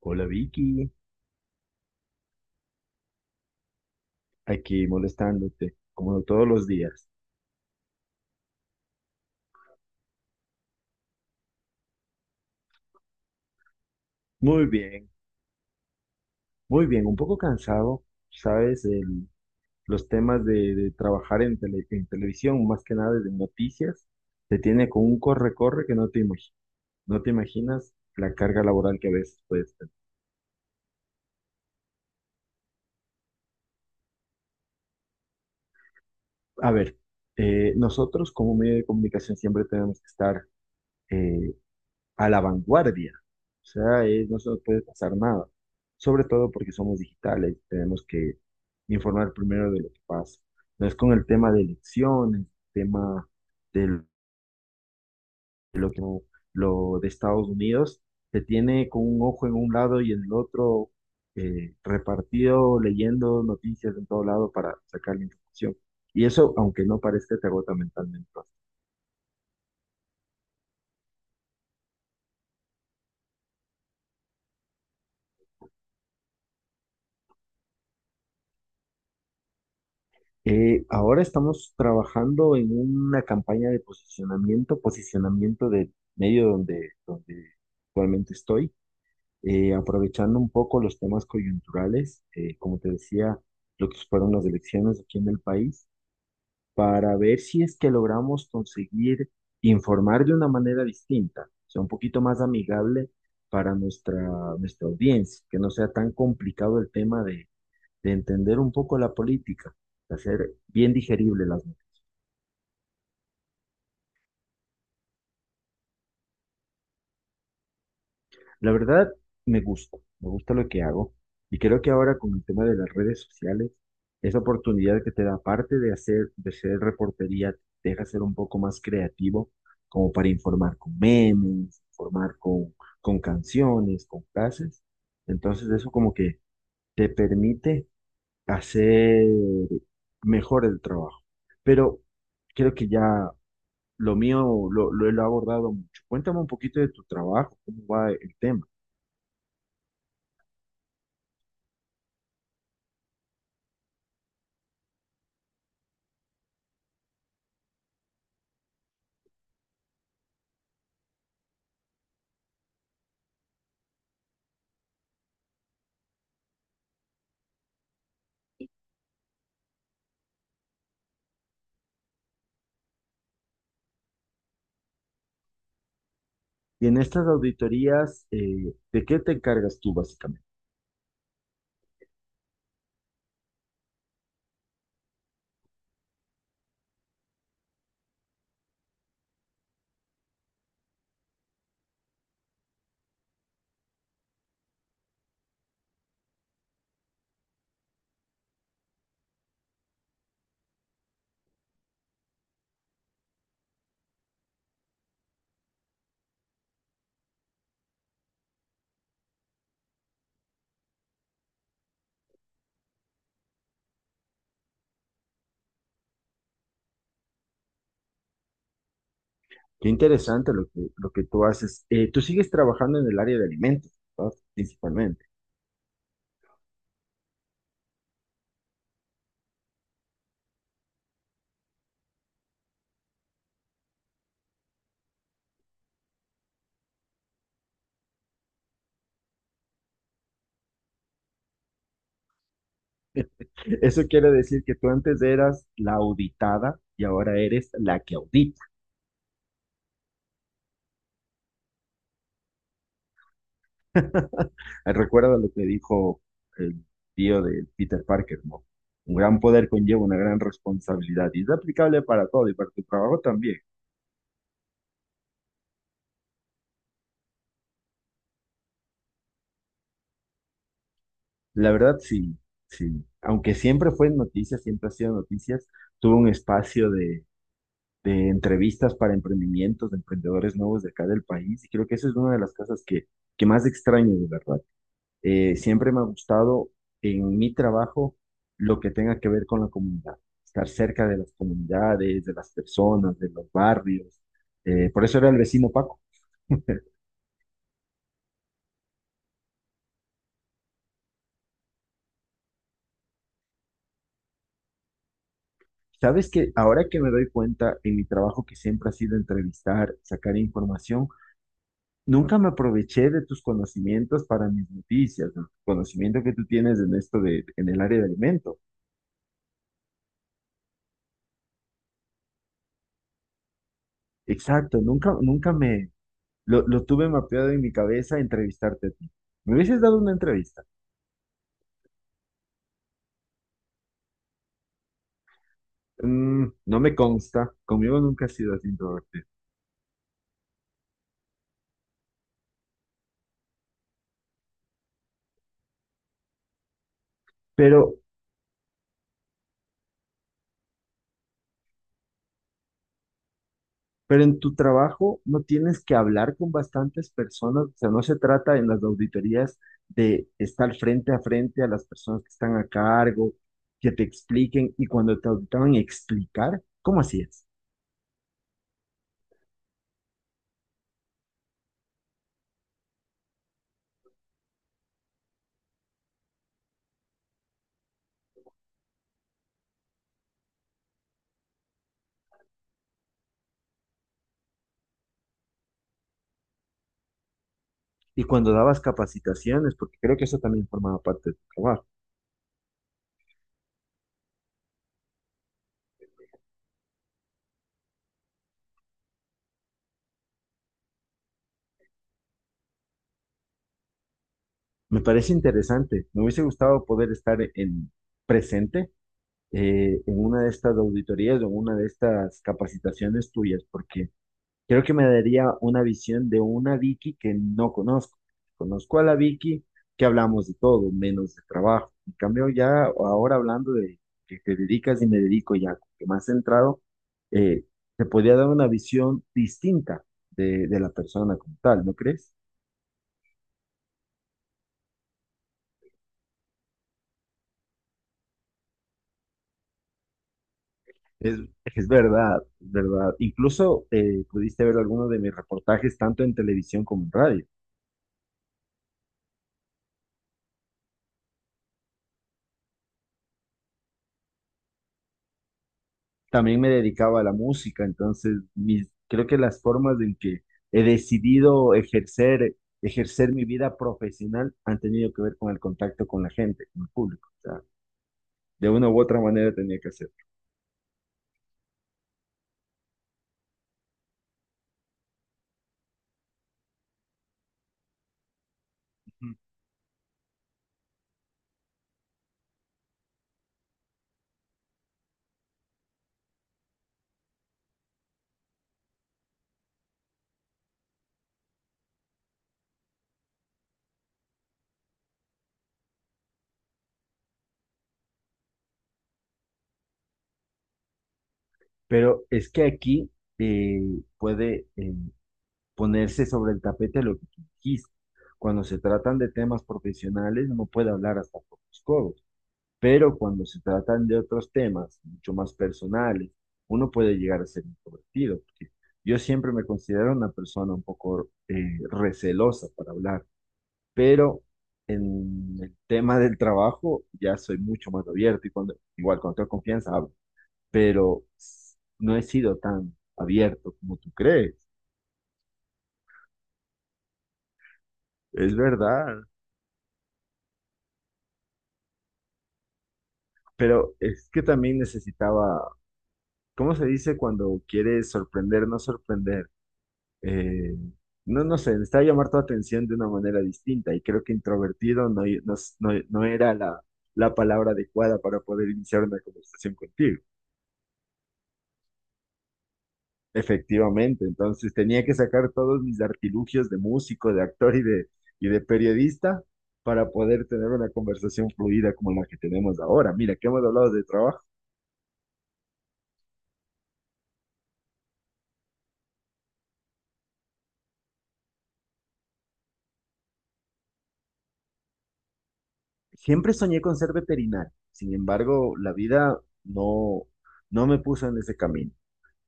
Hola Vicky, aquí molestándote, como todos los días. Muy bien, muy bien, un poco cansado, sabes, los temas de trabajar en, en televisión, más que nada de noticias, te tiene con un corre-corre que no no te imaginas la carga laboral que a veces puedes tener. A ver, nosotros como medio de comunicación siempre tenemos que estar eh, a la vanguardia. O sea, no se nos puede pasar nada. Sobre todo porque somos digitales, tenemos que informar primero de lo que pasa. No es con el tema de elecciones, tema del- de lo que lo de Estados Unidos, se tiene con un ojo en un lado y en el otro, repartido, leyendo noticias en todo lado para sacar la información. Y eso, aunque no parezca, te agota mentalmente. Ahora estamos trabajando en una campaña de posicionamiento, posicionamiento del medio donde actualmente estoy, aprovechando un poco los temas coyunturales, como te decía, lo que fueron las elecciones aquí en el país, para ver si es que logramos conseguir informar de una manera distinta, o sea, un poquito más amigable para nuestra audiencia, que no sea tan complicado el tema de entender un poco la política, de hacer bien digerible las noticias. La verdad, me gusta lo que hago y creo que ahora con el tema de las redes sociales, esa oportunidad que te da, aparte de hacer, de ser reportería, te deja ser un poco más creativo, como para informar con memes, informar con canciones, con frases. Entonces eso como que te permite hacer mejor el trabajo. Pero creo que ya lo mío lo he abordado mucho. Cuéntame un poquito de tu trabajo, cómo va el tema. Y en estas auditorías, ¿de qué te encargas tú básicamente? Qué interesante lo que tú haces. Tú sigues trabajando en el área de alimentos, ¿verdad? Principalmente. Eso quiere decir que tú antes eras la auditada y ahora eres la que audita. Recuerda lo que dijo el tío de Peter Parker, ¿no? Un gran poder conlleva una gran responsabilidad y es aplicable para todo y para tu trabajo también. La verdad, sí, sí. Aunque siempre fue noticias, siempre ha sido noticias, tuvo un espacio de entrevistas para emprendimientos, de emprendedores nuevos de acá del país, y creo que eso es una de las cosas que más extraño, de verdad. Siempre me ha gustado en mi trabajo lo que tenga que ver con la comunidad, estar cerca de las comunidades, de las personas, de los barrios. Por eso era el vecino Paco. Sabes que ahora que me doy cuenta en mi trabajo que siempre ha sido entrevistar, sacar información, nunca me aproveché de tus conocimientos para mis noticias, ¿no? Conocimiento que tú tienes en esto de, en el área de alimento. Exacto, nunca, lo tuve mapeado en mi cabeza entrevistarte a ti. Me hubieses dado una entrevista. Mm, no me consta, conmigo nunca has sido así introvertido. Pero Pero en tu trabajo no tienes que hablar con bastantes personas, o sea, no se trata en las auditorías de estar frente a frente a las personas que están a cargo, que te expliquen y cuando te auditaban explicar, ¿cómo hacías? Y cuando dabas capacitaciones, porque creo que eso también formaba parte de tu trabajo. Me parece interesante, me hubiese gustado poder estar en presente, en una de estas auditorías o en una de estas capacitaciones tuyas, porque creo que me daría una visión de una Vicky que no conozco. Conozco a la Vicky que hablamos de todo, menos de trabajo. En cambio, ya ahora hablando de que te dedicas y me dedico ya, que más centrado, eh, te podría dar una visión distinta de la persona como tal, ¿no crees? Es, es verdad, es verdad. Incluso pudiste ver algunos de mis reportajes tanto en televisión como en radio. También me dedicaba a la música, entonces mis, creo que las formas en que he decidido ejercer, ejercer mi vida profesional han tenido que ver con el contacto con la gente, con el público. O sea, de una u otra manera tenía que hacer. Ujú. Pero es que aquí eh, puede ponerse sobre el tapete lo que tú dijiste. Cuando se tratan de temas profesionales, uno puede hablar hasta por los codos. Pero cuando se tratan de otros temas mucho más personales, uno puede llegar a ser introvertido, porque yo siempre me considero una persona un poco recelosa para hablar, pero en el tema del trabajo ya soy mucho más abierto y cuando, igual con toda confianza hablo, pero no he sido tan abierto como tú crees, es verdad, pero es que también necesitaba, ¿cómo se dice cuando quieres sorprender, no sorprender? Eh, no, no sé, necesitaba llamar tu atención de una manera distinta y creo que introvertido no, no, no era la palabra adecuada para poder iniciar una conversación contigo. Efectivamente, entonces tenía que sacar todos mis artilugios de músico, de actor y de periodista para poder tener una conversación fluida como la que tenemos ahora. Mira, que hemos hablado de trabajo. Siempre soñé con ser veterinario, sin embargo, la vida no, no me puso en ese camino.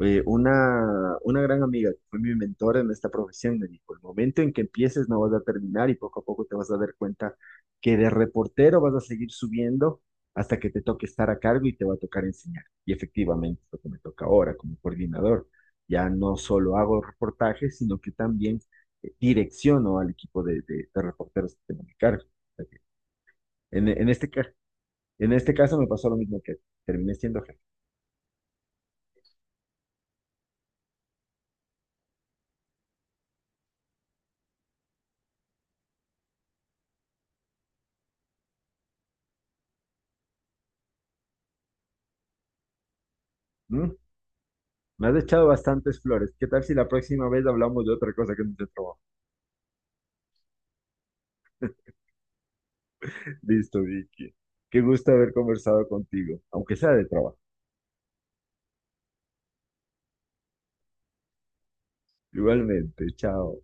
Eh, una gran amiga que fue mi mentora en esta profesión me dijo, el momento en que empieces no vas a terminar y poco a poco te vas a dar cuenta que de reportero vas a seguir subiendo hasta que te toque estar a cargo y te va a tocar enseñar. Y efectivamente es lo que me toca ahora como coordinador. Ya no solo hago reportajes, sino que también direcciono al equipo de reporteros que tengo a mi cargo. O sea que En, en este, ca- en este caso me pasó lo mismo que terminé siendo jefe. Me has echado bastantes flores. ¿Qué tal si la próxima vez hablamos de otra cosa que no sea trabajo? Listo, Vicky. Qué gusto haber conversado contigo, aunque sea de trabajo. Igualmente, chao.